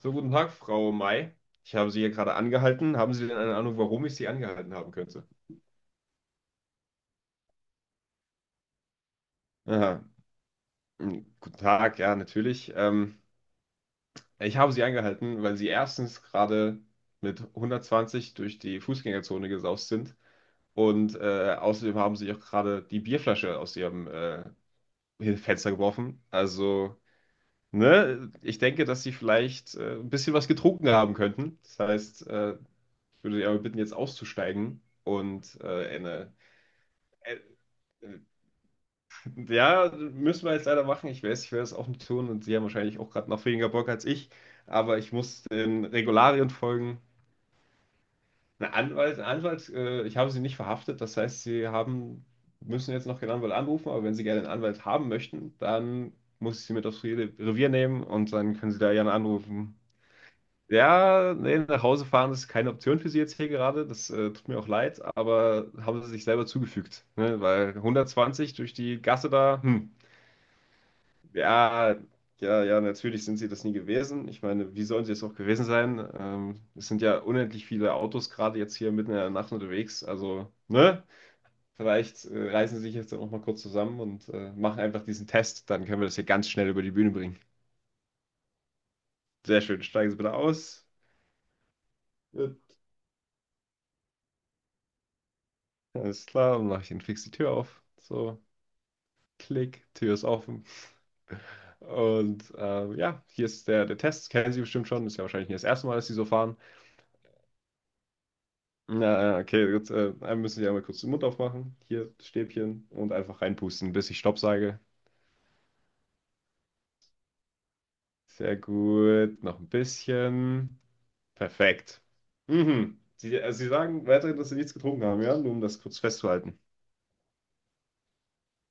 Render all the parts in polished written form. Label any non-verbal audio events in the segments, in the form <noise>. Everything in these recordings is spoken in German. So, Guten Tag, Frau May. Ich habe Sie hier gerade angehalten. Haben Sie denn eine Ahnung, warum ich Sie angehalten haben könnte? Aha. Hm, Guten Tag, ja, natürlich. Ich habe Sie angehalten, weil Sie erstens gerade mit 120 durch die Fußgängerzone gesaust sind, und außerdem haben Sie auch gerade die Bierflasche aus Ihrem Fenster geworfen. Also, ne, ich denke, dass Sie vielleicht ein bisschen was getrunken haben könnten. Das heißt, ich würde Sie aber bitten, jetzt auszusteigen und eine. Äh, äh, Ja, müssen wir jetzt leider machen. Ich weiß, ich werde es auch nicht tun, und Sie haben wahrscheinlich auch gerade noch weniger Bock als ich. Aber ich muss den Regularien folgen. Ein Anwalt, ich habe Sie nicht verhaftet. Das heißt, müssen jetzt noch keinen Anwalt anrufen. Aber wenn Sie gerne einen Anwalt haben möchten, dann muss ich Sie mit aufs Revier nehmen, und dann können Sie da gerne anrufen. Ja, nee, nach Hause fahren ist keine Option für Sie jetzt hier gerade. Das tut mir auch leid, aber haben Sie sich selber zugefügt. Ne? Weil 120 durch die Gasse da, hm. Ja, ja, ja, natürlich sind sie das nie gewesen. Ich meine, wie sollen sie es auch gewesen sein? Es sind ja unendlich viele Autos gerade jetzt hier mitten in der Nacht unterwegs. Also, ne? Vielleicht reißen sie sich jetzt auch mal kurz zusammen und machen einfach diesen Test. Dann können wir das hier ganz schnell über die Bühne bringen. Sehr schön. Steigen Sie bitte aus. Gut. Alles klar. Dann mache ich Ihnen fix die Tür auf. So, klick, Tür ist offen. Und ja, hier ist der Test. Kennen Sie bestimmt schon. Ist ja wahrscheinlich nicht das erste Mal, dass Sie so fahren. Ja, ja, okay, gut. Dann müssen Sie einmal kurz den Mund aufmachen. Hier, das Stäbchen. Und einfach reinpusten, bis ich Stopp sage. Sehr gut. Noch ein bisschen. Perfekt. Mhm. Sie, also Sie sagen weiterhin, dass Sie nichts getrunken haben, ja? Nur um das kurz festzuhalten.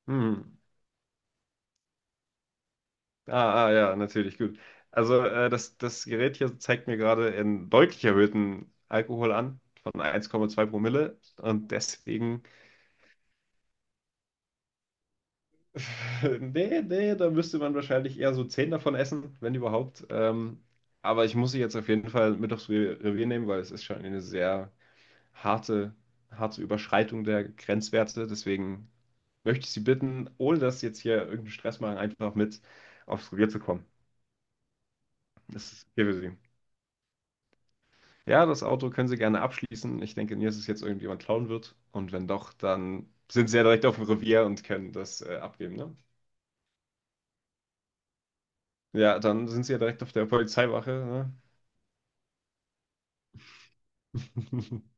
Mhm. Ah, ah, ja, natürlich, gut. Also, das Gerät hier zeigt mir gerade einen deutlich erhöhten Alkohol an, von 1,2 Promille. Und deswegen. <laughs> Nee, nee, da müsste man wahrscheinlich eher so zehn davon essen, wenn überhaupt. Aber ich muss sie jetzt auf jeden Fall mit aufs Revier nehmen, weil es ist schon eine sehr harte, harte Überschreitung der Grenzwerte. Deswegen möchte ich Sie bitten, ohne dass Sie jetzt hier irgendeinen Stress machen, einfach mit aufs Revier zu kommen. Das ist hier für Sie. Ja, das Auto können Sie gerne abschließen. Ich denke nie, dass es jetzt irgendjemand klauen wird. Und wenn doch, dann sind Sie ja direkt auf dem Revier und können das abgeben, ne? Ja, dann sind Sie ja direkt auf der Polizeiwache, ne? <laughs>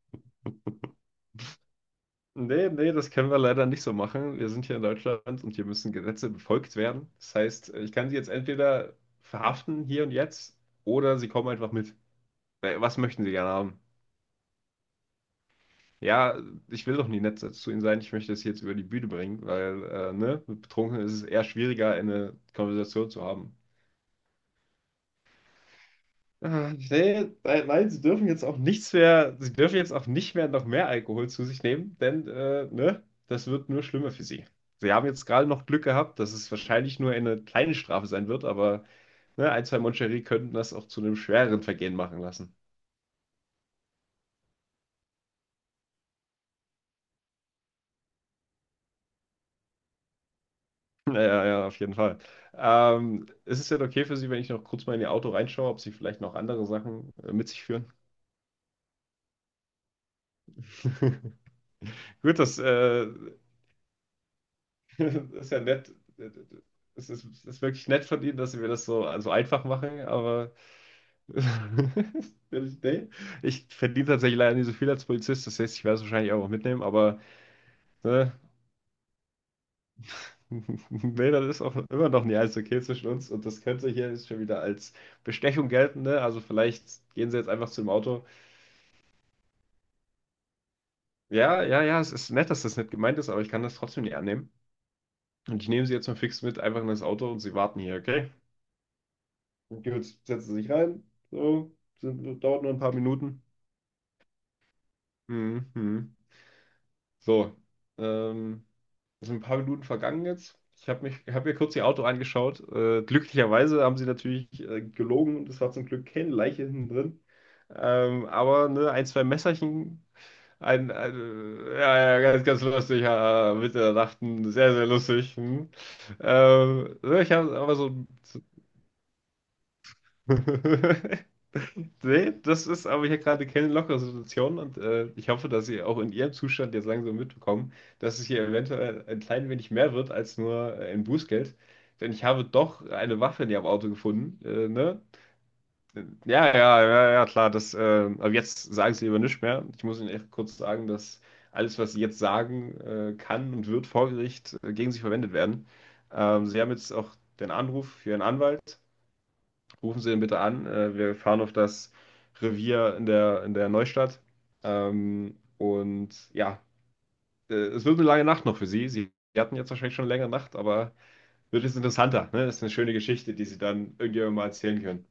Nee, nee, das können wir leider nicht so machen. Wir sind hier in Deutschland und hier müssen Gesetze befolgt werden. Das heißt, ich kann Sie jetzt entweder verhaften hier und jetzt, oder Sie kommen einfach mit. Was möchten Sie gerne haben? Ja, ich will doch nie nett zu Ihnen sein. Ich möchte das jetzt über die Bühne bringen, weil, ne, mit Betrunken ist es eher schwieriger, eine Konversation zu haben. Ah, nee, nein, nein, sie dürfen jetzt auch nichts mehr, sie dürfen jetzt auch nicht mehr noch mehr Alkohol zu sich nehmen, denn ne, das wird nur schlimmer für sie. Sie haben jetzt gerade noch Glück gehabt, dass es wahrscheinlich nur eine kleine Strafe sein wird, aber ne, ein, zwei Moncherie könnten das auch zu einem schwereren Vergehen machen lassen. Ja, ja, ja, auf jeden Fall. Ist es denn okay für Sie, wenn ich noch kurz mal in Ihr Auto reinschaue, ob Sie vielleicht noch andere Sachen mit sich führen? <laughs> Gut, das. <laughs> Das ist ja nett. Es ist wirklich nett von Ihnen, dass Sie mir das so, so einfach machen, aber <laughs> nee, ich verdiene tatsächlich leider nicht so viel als Polizist, das heißt, ich werde es wahrscheinlich auch mitnehmen, aber ne, <laughs> nee, das ist auch immer noch nicht alles okay zwischen uns, und das könnte hier jetzt schon wieder als Bestechung gelten, ne? Also vielleicht gehen Sie jetzt einfach zu dem Auto. Ja, ja, ja, es ist nett, dass das nicht gemeint ist, aber ich kann das trotzdem nicht annehmen. Und ich nehme Sie jetzt mal fix mit, einfach in das Auto, und Sie warten hier, okay? Und Jules setzte sich rein. So, dauert nur ein paar Minuten. Mhm. So, ähm, sind ein paar Minuten vergangen jetzt. Ich habe mich, habe mir kurz ihr Auto angeschaut. Glücklicherweise haben sie natürlich gelogen, und es war zum Glück keine Leiche hinten drin. Aber ne, ein, zwei Messerchen, ein ja, ja, ganz, ganz lustig, ja, Mitte der Nacht, hm, sehr, sehr lustig. Hm. Ne, ich habe aber so. <laughs> Nee, das ist aber hier gerade keine lockere Situation, und ich hoffe, dass Sie auch in Ihrem Zustand jetzt langsam mitbekommen, dass es hier eventuell ein klein wenig mehr wird als nur ein Bußgeld. Denn ich habe doch eine Waffe in Ihrem Auto gefunden. Ne? Ja, ja, ja, ja, ja, klar, aber jetzt sagen Sie lieber nichts mehr. Ich muss Ihnen echt kurz sagen, dass alles, was Sie jetzt sagen, kann und wird vor Gericht gegen Sie verwendet werden. Sie haben jetzt auch den Anruf für Ihren Anwalt, rufen Sie ihn bitte an. Wir fahren auf das Revier in der Neustadt. Und ja, es wird eine lange Nacht noch für Sie. Sie hatten jetzt wahrscheinlich schon eine längere Nacht, aber wird jetzt interessanter. Ne? Das ist eine schöne Geschichte, die Sie dann irgendjemandem mal erzählen können.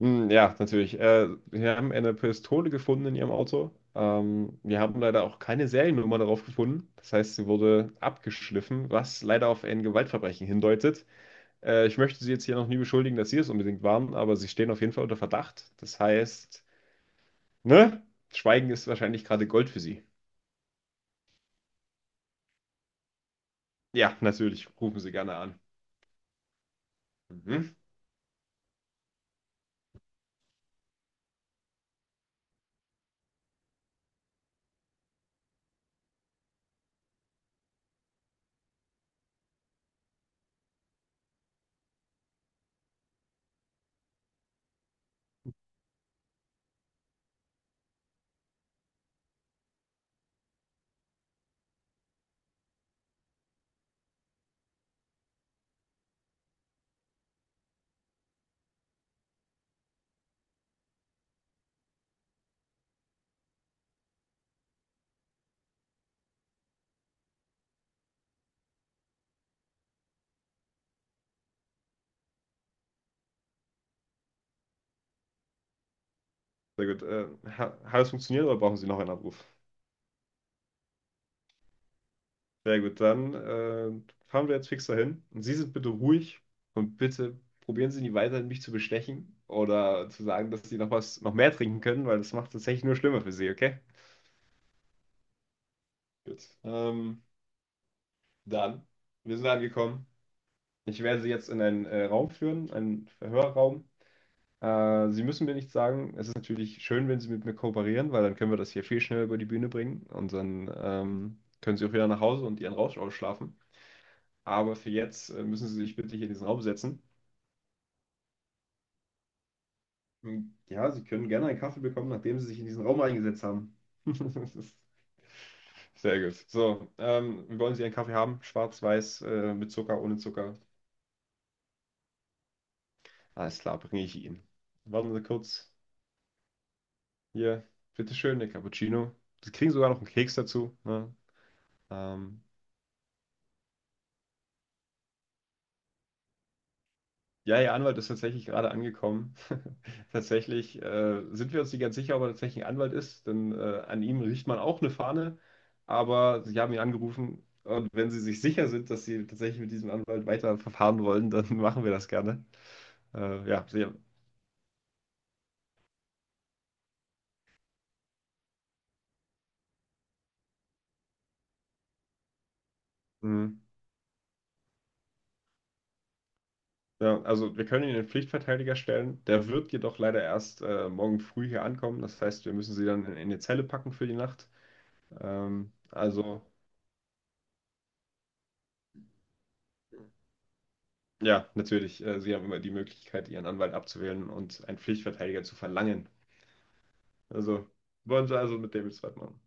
Hm, ja, natürlich. Wir haben eine Pistole gefunden in Ihrem Auto. Wir haben leider auch keine Seriennummer darauf gefunden. Das heißt, sie wurde abgeschliffen, was leider auf ein Gewaltverbrechen hindeutet. Ich möchte Sie jetzt hier noch nie beschuldigen, dass Sie es unbedingt waren, aber Sie stehen auf jeden Fall unter Verdacht. Das heißt, ne? Schweigen ist wahrscheinlich gerade Gold für Sie. Ja, natürlich. Rufen Sie gerne an. Mhm. Sehr gut. Ha Hat es funktioniert, oder brauchen Sie noch einen Abruf? Sehr gut, dann fahren wir jetzt fix dahin. Und Sie sind bitte ruhig, und bitte probieren Sie nie weiter, mich zu bestechen oder zu sagen, dass Sie noch was, noch mehr trinken können, weil das macht es tatsächlich nur schlimmer für Sie, okay? Gut. Dann, wir sind angekommen. Ich werde Sie jetzt in einen Raum führen, einen Verhörraum. Sie müssen mir nichts sagen. Es ist natürlich schön, wenn Sie mit mir kooperieren, weil dann können wir das hier viel schneller über die Bühne bringen, und dann können Sie auch wieder nach Hause und Ihren Rausch ausschlafen. Aber für jetzt müssen Sie sich bitte hier in diesen Raum setzen. Hm, ja, Sie können gerne einen Kaffee bekommen, nachdem Sie sich in diesen Raum eingesetzt haben. <laughs> Das ist Sehr gut. So, wie wollen Sie einen Kaffee haben? Schwarz, weiß, mit Zucker, ohne Zucker? Alles klar, bringe ich Ihnen. Warten Sie kurz. Hier, bitteschön, der Cappuccino. Sie kriegen sogar noch einen Keks dazu. Ne? Ähm, ja, Ihr Anwalt ist tatsächlich gerade angekommen. <laughs> Tatsächlich sind wir uns nicht ganz sicher, ob er tatsächlich ein Anwalt ist, denn an ihm riecht man auch eine Fahne. Aber Sie haben ihn angerufen, und wenn Sie sich sicher sind, dass Sie tatsächlich mit diesem Anwalt weiter verfahren wollen, dann <laughs> machen wir das gerne. Ja, Mhm. Ja, also wir können Ihnen den Pflichtverteidiger stellen. Der wird jedoch leider erst morgen früh hier ankommen. Das heißt, wir müssen Sie dann in die Zelle packen für die Nacht. Also, ja, natürlich, sie haben immer die Möglichkeit, ihren Anwalt abzuwählen und einen Pflichtverteidiger zu verlangen. Also, wollen sie also mit David was machen?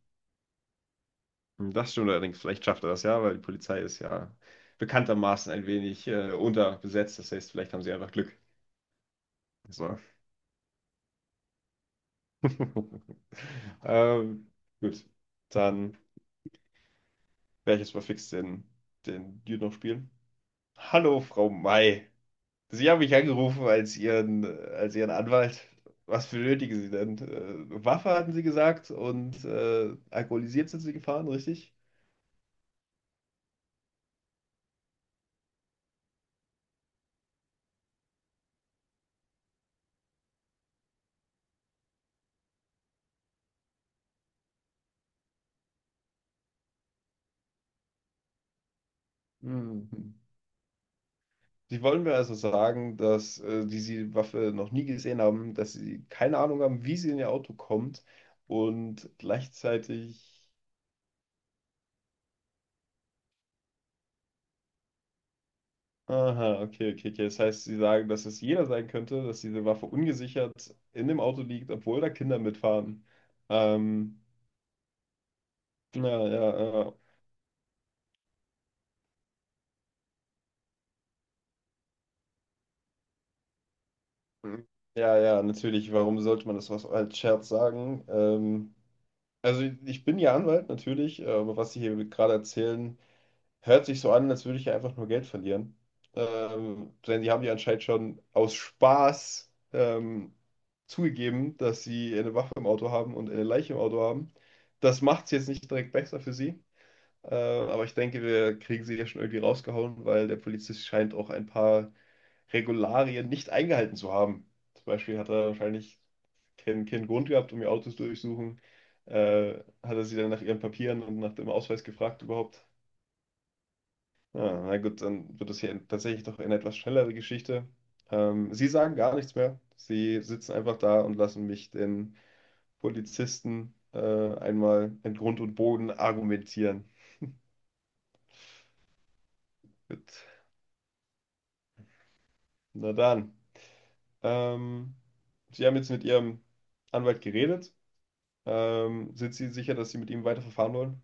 Hm, das stimmt allerdings, vielleicht schafft er das ja, weil die Polizei ist ja bekanntermaßen ein wenig unterbesetzt. Das heißt, vielleicht haben sie einfach Glück. So. <laughs> ähm, gut, dann werde ich jetzt mal fix den Dude noch spielen. Hallo, Frau May. Sie haben mich angerufen als Ihren Anwalt. Was benötigen Sie denn? Waffe hatten Sie gesagt, und alkoholisiert sind Sie gefahren, richtig? Hm. Sie wollen mir also sagen, dass die Sie Waffe noch nie gesehen haben, dass Sie keine Ahnung haben, wie sie in Ihr Auto kommt, und gleichzeitig. Aha, okay, okay, okay. Das heißt, Sie sagen, dass es jeder sein könnte, dass diese Waffe ungesichert in dem Auto liegt, obwohl da Kinder mitfahren. Ähm, ja, ja, ja, Mhm. Ja, ja, natürlich. Warum sollte man das was als Scherz sagen? Also ich bin ja Anwalt, natürlich, aber was Sie hier gerade erzählen, hört sich so an, als würde ich ja einfach nur Geld verlieren. Denn Sie haben ja anscheinend schon aus Spaß zugegeben, dass Sie eine Waffe im Auto haben und eine Leiche im Auto haben. Das macht es jetzt nicht direkt besser für Sie. Aber ich denke, wir kriegen sie ja schon irgendwie rausgehauen, weil der Polizist scheint auch ein paar Regularien nicht eingehalten zu haben. Zum Beispiel hat er wahrscheinlich keinen Grund gehabt, um ihr Autos durchsuchen. Äh, hat er sie dann nach ihren Papieren und nach dem Ausweis gefragt überhaupt? Ja, na gut, dann wird das hier tatsächlich doch eine etwas schnellere Geschichte. Sie sagen gar nichts mehr. Sie sitzen einfach da und lassen mich den Polizisten einmal in Grund und Boden argumentieren. Gut, na dann. Ähm, Sie haben jetzt mit Ihrem Anwalt geredet. Sind Sie sicher, dass Sie mit ihm weiterverfahren wollen?